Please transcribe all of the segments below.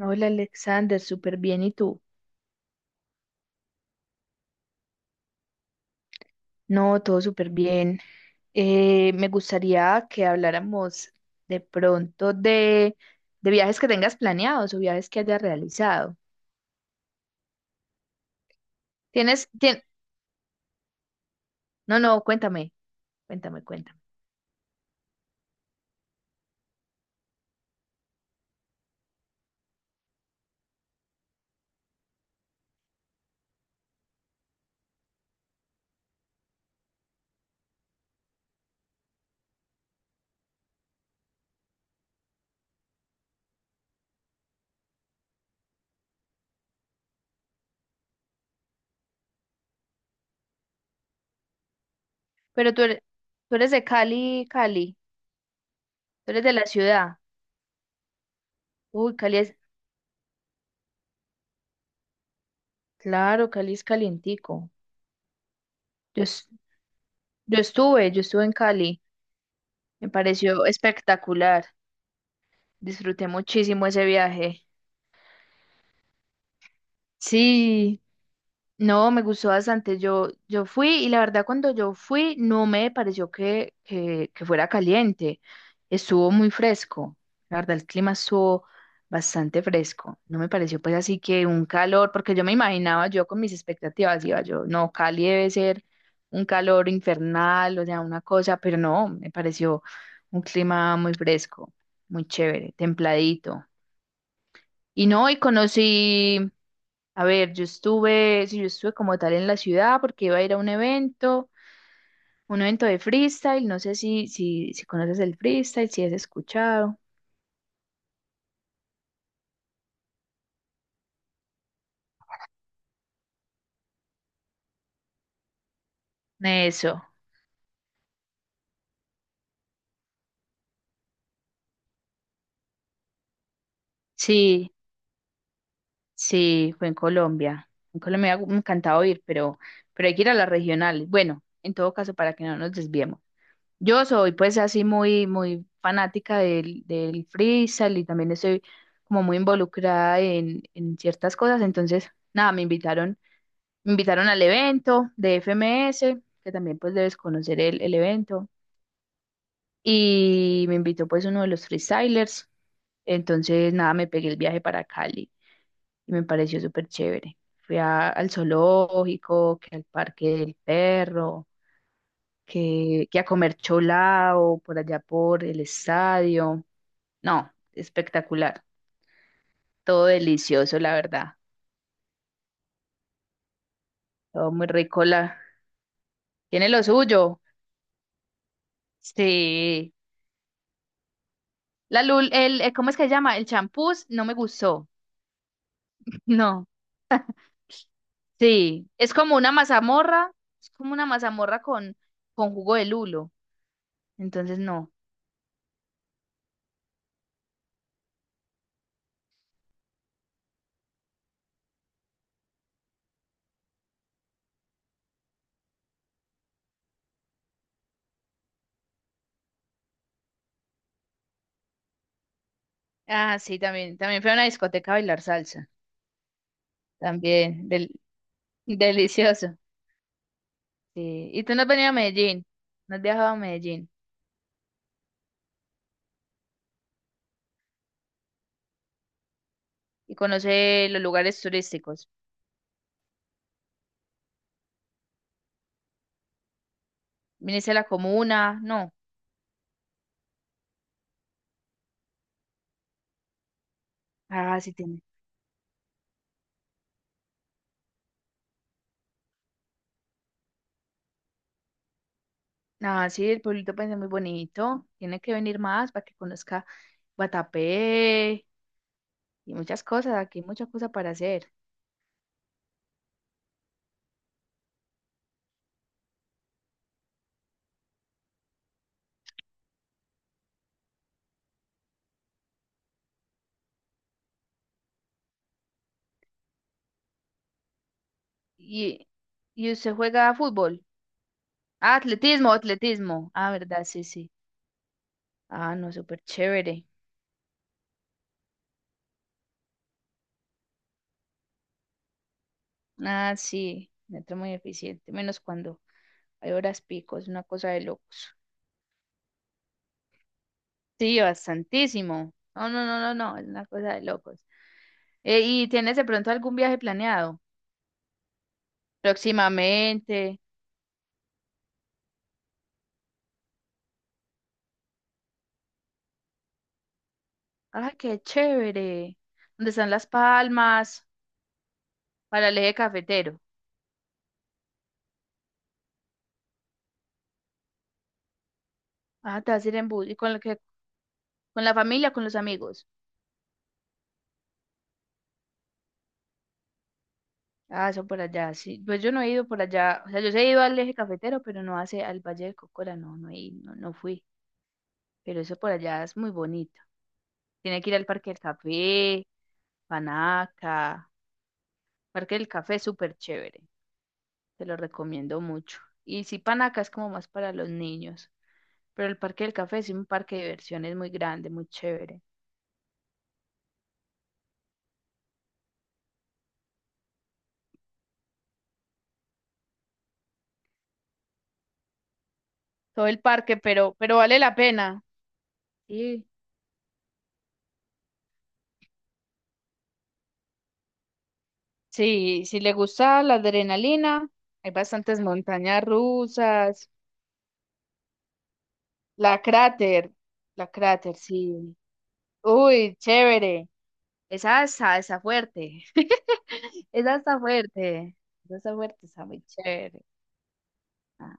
Hola Alexander, súper bien. ¿Y tú? No, todo súper bien. Me gustaría que habláramos de pronto de viajes que tengas planeados o viajes que hayas realizado. ¿Tienes, tien- No, no, cuéntame, cuéntame, cuéntame. Pero tú eres de Cali, Cali, tú eres de la ciudad. Uy, Cali es, claro, Cali es calientico. Yo, es- yo estuve en Cali, me pareció espectacular. Disfruté muchísimo ese viaje. Sí. No, me gustó bastante. Yo fui y la verdad cuando yo fui no me pareció que fuera caliente. Estuvo muy fresco. La verdad el clima estuvo bastante fresco. No me pareció pues así que un calor, porque yo me imaginaba yo con mis expectativas, iba yo, no, Cali debe ser un calor infernal, o sea, una cosa, pero no, me pareció un clima muy fresco, muy chévere, templadito. Y no, y conocí, a ver, yo estuve, sí, yo estuve como tal en la ciudad porque iba a ir a un evento de freestyle, no sé si, si conoces el freestyle, si has escuchado. Eso, sí, sí, fue en Colombia. En Colombia me encantaba ir, pero hay que ir a las regionales. Bueno, en todo caso, para que no nos desviemos. Yo soy pues así muy, muy fanática del freestyle y también estoy como muy involucrada en ciertas cosas. Entonces, nada, me invitaron al evento de FMS, que también pues debes conocer el evento. Y me invitó pues uno de los freestylers. Entonces, nada, me pegué el viaje para Cali y me pareció súper chévere. Fui al zoológico, que al parque del perro que a comer cholao por allá por el estadio. No, espectacular. Todo delicioso, la verdad. Todo muy rico. La. Tiene lo suyo. Sí. La lul, el, ¿Cómo es que se llama? El champús no me gustó. No. Sí. Es como una mazamorra. Es como una mazamorra con jugo de lulo. Entonces, no. Ah, sí, también. También fue a una discoteca a bailar salsa. También. Delicioso. Sí. ¿Y tú no has venido a Medellín? ¿No has viajado a Medellín? ¿Y conoces los lugares turísticos? ¿Viniste a la comuna? No. Ah, sí tiene. Ah, sí, el pueblito pues es muy bonito. Tiene que venir más para que conozca Guatapé y muchas cosas. Aquí hay muchas cosas para hacer. Y, y usted juega a fútbol. Ah, atletismo, atletismo. Ah, verdad, sí, sí. Ah, no, súper chévere. Ah, sí, metro muy eficiente. Menos cuando hay horas pico, es una cosa de locos. Sí, bastantísimo. No, no, no, no, no, es una cosa de locos. ¿Y tienes de pronto algún viaje planeado? Próximamente. Ah, qué chévere. ¿Dónde están las palmas? Para el eje cafetero. Ah, te vas a ir en bus. ¿Y con la familia, con los amigos? Ah, eso por allá. Sí, pues yo no he ido por allá. O sea, yo sí he ido al eje cafetero, pero no hace al Valle del Cocora. No, no, he ido, no, no fui. Pero eso por allá es muy bonito. Tiene que ir al Parque del Café, Panaca. Parque del Café es súper chévere. Te lo recomiendo mucho. Y sí, Panaca es como más para los niños. Pero el Parque del Café es un parque de diversiones muy grande, muy chévere. Todo el parque, pero vale la pena. Sí. Sí, si le gusta la adrenalina, hay bastantes montañas rusas, la cráter, la cráter, sí. Uy, chévere. Esa está fuerte. Esa está fuerte. Esa está fuerte, está muy chévere. Ah.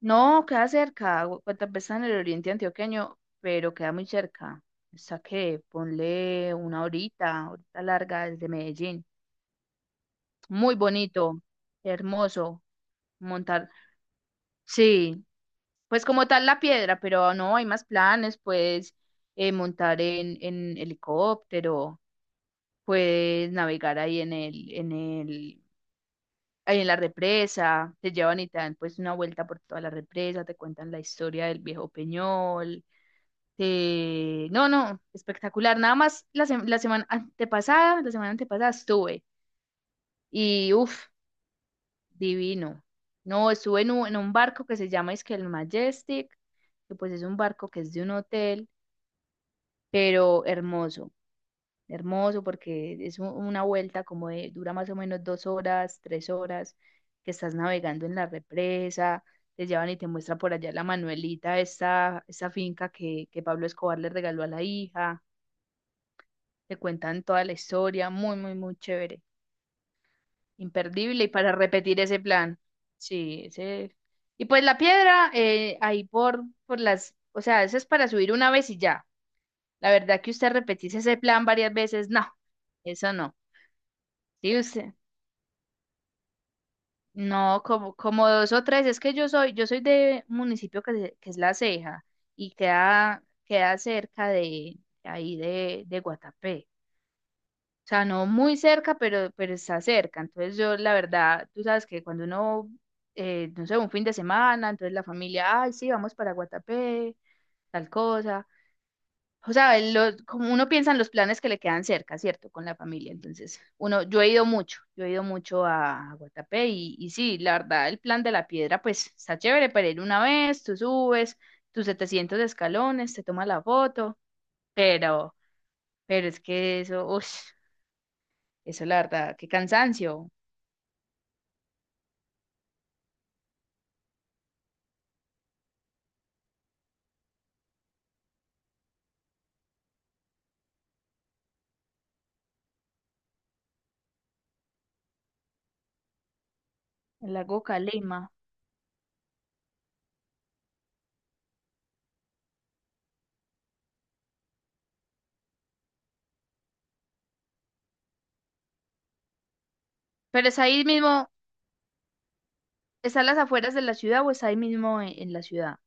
No, queda cerca. Guatapé está en el oriente antioqueño, pero queda muy cerca. Está que ponle una horita, horita larga desde Medellín. Muy bonito, hermoso montar. Sí, pues como tal la piedra, pero no hay más planes, puedes montar en helicóptero, puedes navegar ahí ahí en la represa, te llevan y te dan pues una vuelta por toda la represa, te cuentan la historia del viejo Peñol. No, no, espectacular. Nada más la semana antepasada estuve y uff. Divino. No, estuve en un, barco que se llama es que el Majestic, que pues es un barco que es de un hotel, pero hermoso, hermoso porque es una vuelta dura más o menos 2 horas, 3 horas, que estás navegando en la represa, te llevan y te muestra por allá la Manuelita, esa finca que Pablo Escobar le regaló a la hija, te cuentan toda la historia, muy, muy, muy chévere. Imperdible y para repetir ese plan. Sí, ese. Y pues la piedra, ahí o sea, eso es para subir una vez y ya. La verdad que usted repetís ese plan varias veces, no, eso no. Sí, usted, no, como dos o tres, es que yo soy de un municipio que es La Ceja y queda cerca de ahí de Guatapé. O sea, no muy cerca, pero está cerca. Entonces yo, la verdad, tú sabes que cuando uno, no sé, un fin de semana, entonces la familia, ay, sí, vamos para Guatapé, tal cosa. O sea, como uno piensa en los planes que le quedan cerca, ¿cierto? Con la familia. Entonces, yo he ido mucho a Guatapé y sí, la verdad, el plan de la piedra, pues está chévere para ir una vez, tú subes tus 700 escalones, te tomas la foto, pero, pero es que eso, uff, eso la verdad, qué cansancio. El lago Calima. ¿Pero es ahí mismo, está a las afueras de la ciudad o es ahí mismo en la ciudad?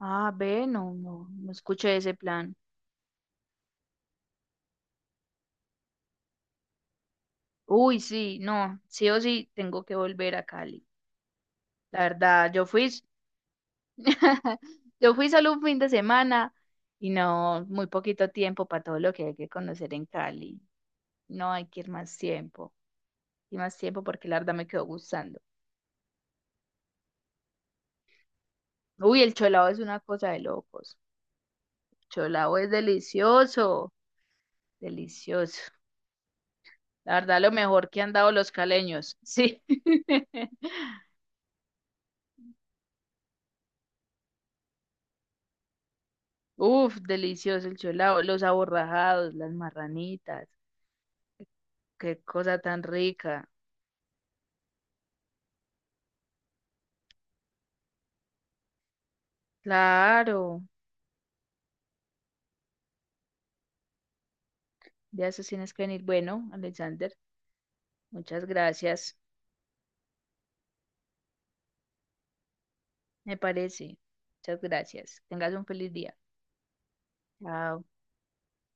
Ah, ve, no, no, no escuché ese plan. Uy, sí, no, sí o sí tengo que volver a Cali. La verdad, yo fui solo un fin de semana y no, muy poquito tiempo para todo lo que hay que conocer en Cali. No hay que ir más tiempo, y más tiempo porque la verdad me quedó gustando. Uy, el cholao es una cosa de locos. Cholao es delicioso, delicioso. La verdad, lo mejor que han dado los caleños. Sí. Uf, delicioso el cholao, los aborrajados, las marranitas. Qué cosa tan rica. Claro, ya eso tienes que venir. Bueno, Alexander, muchas gracias. Me parece. Muchas gracias. Tengas un feliz día. Chao.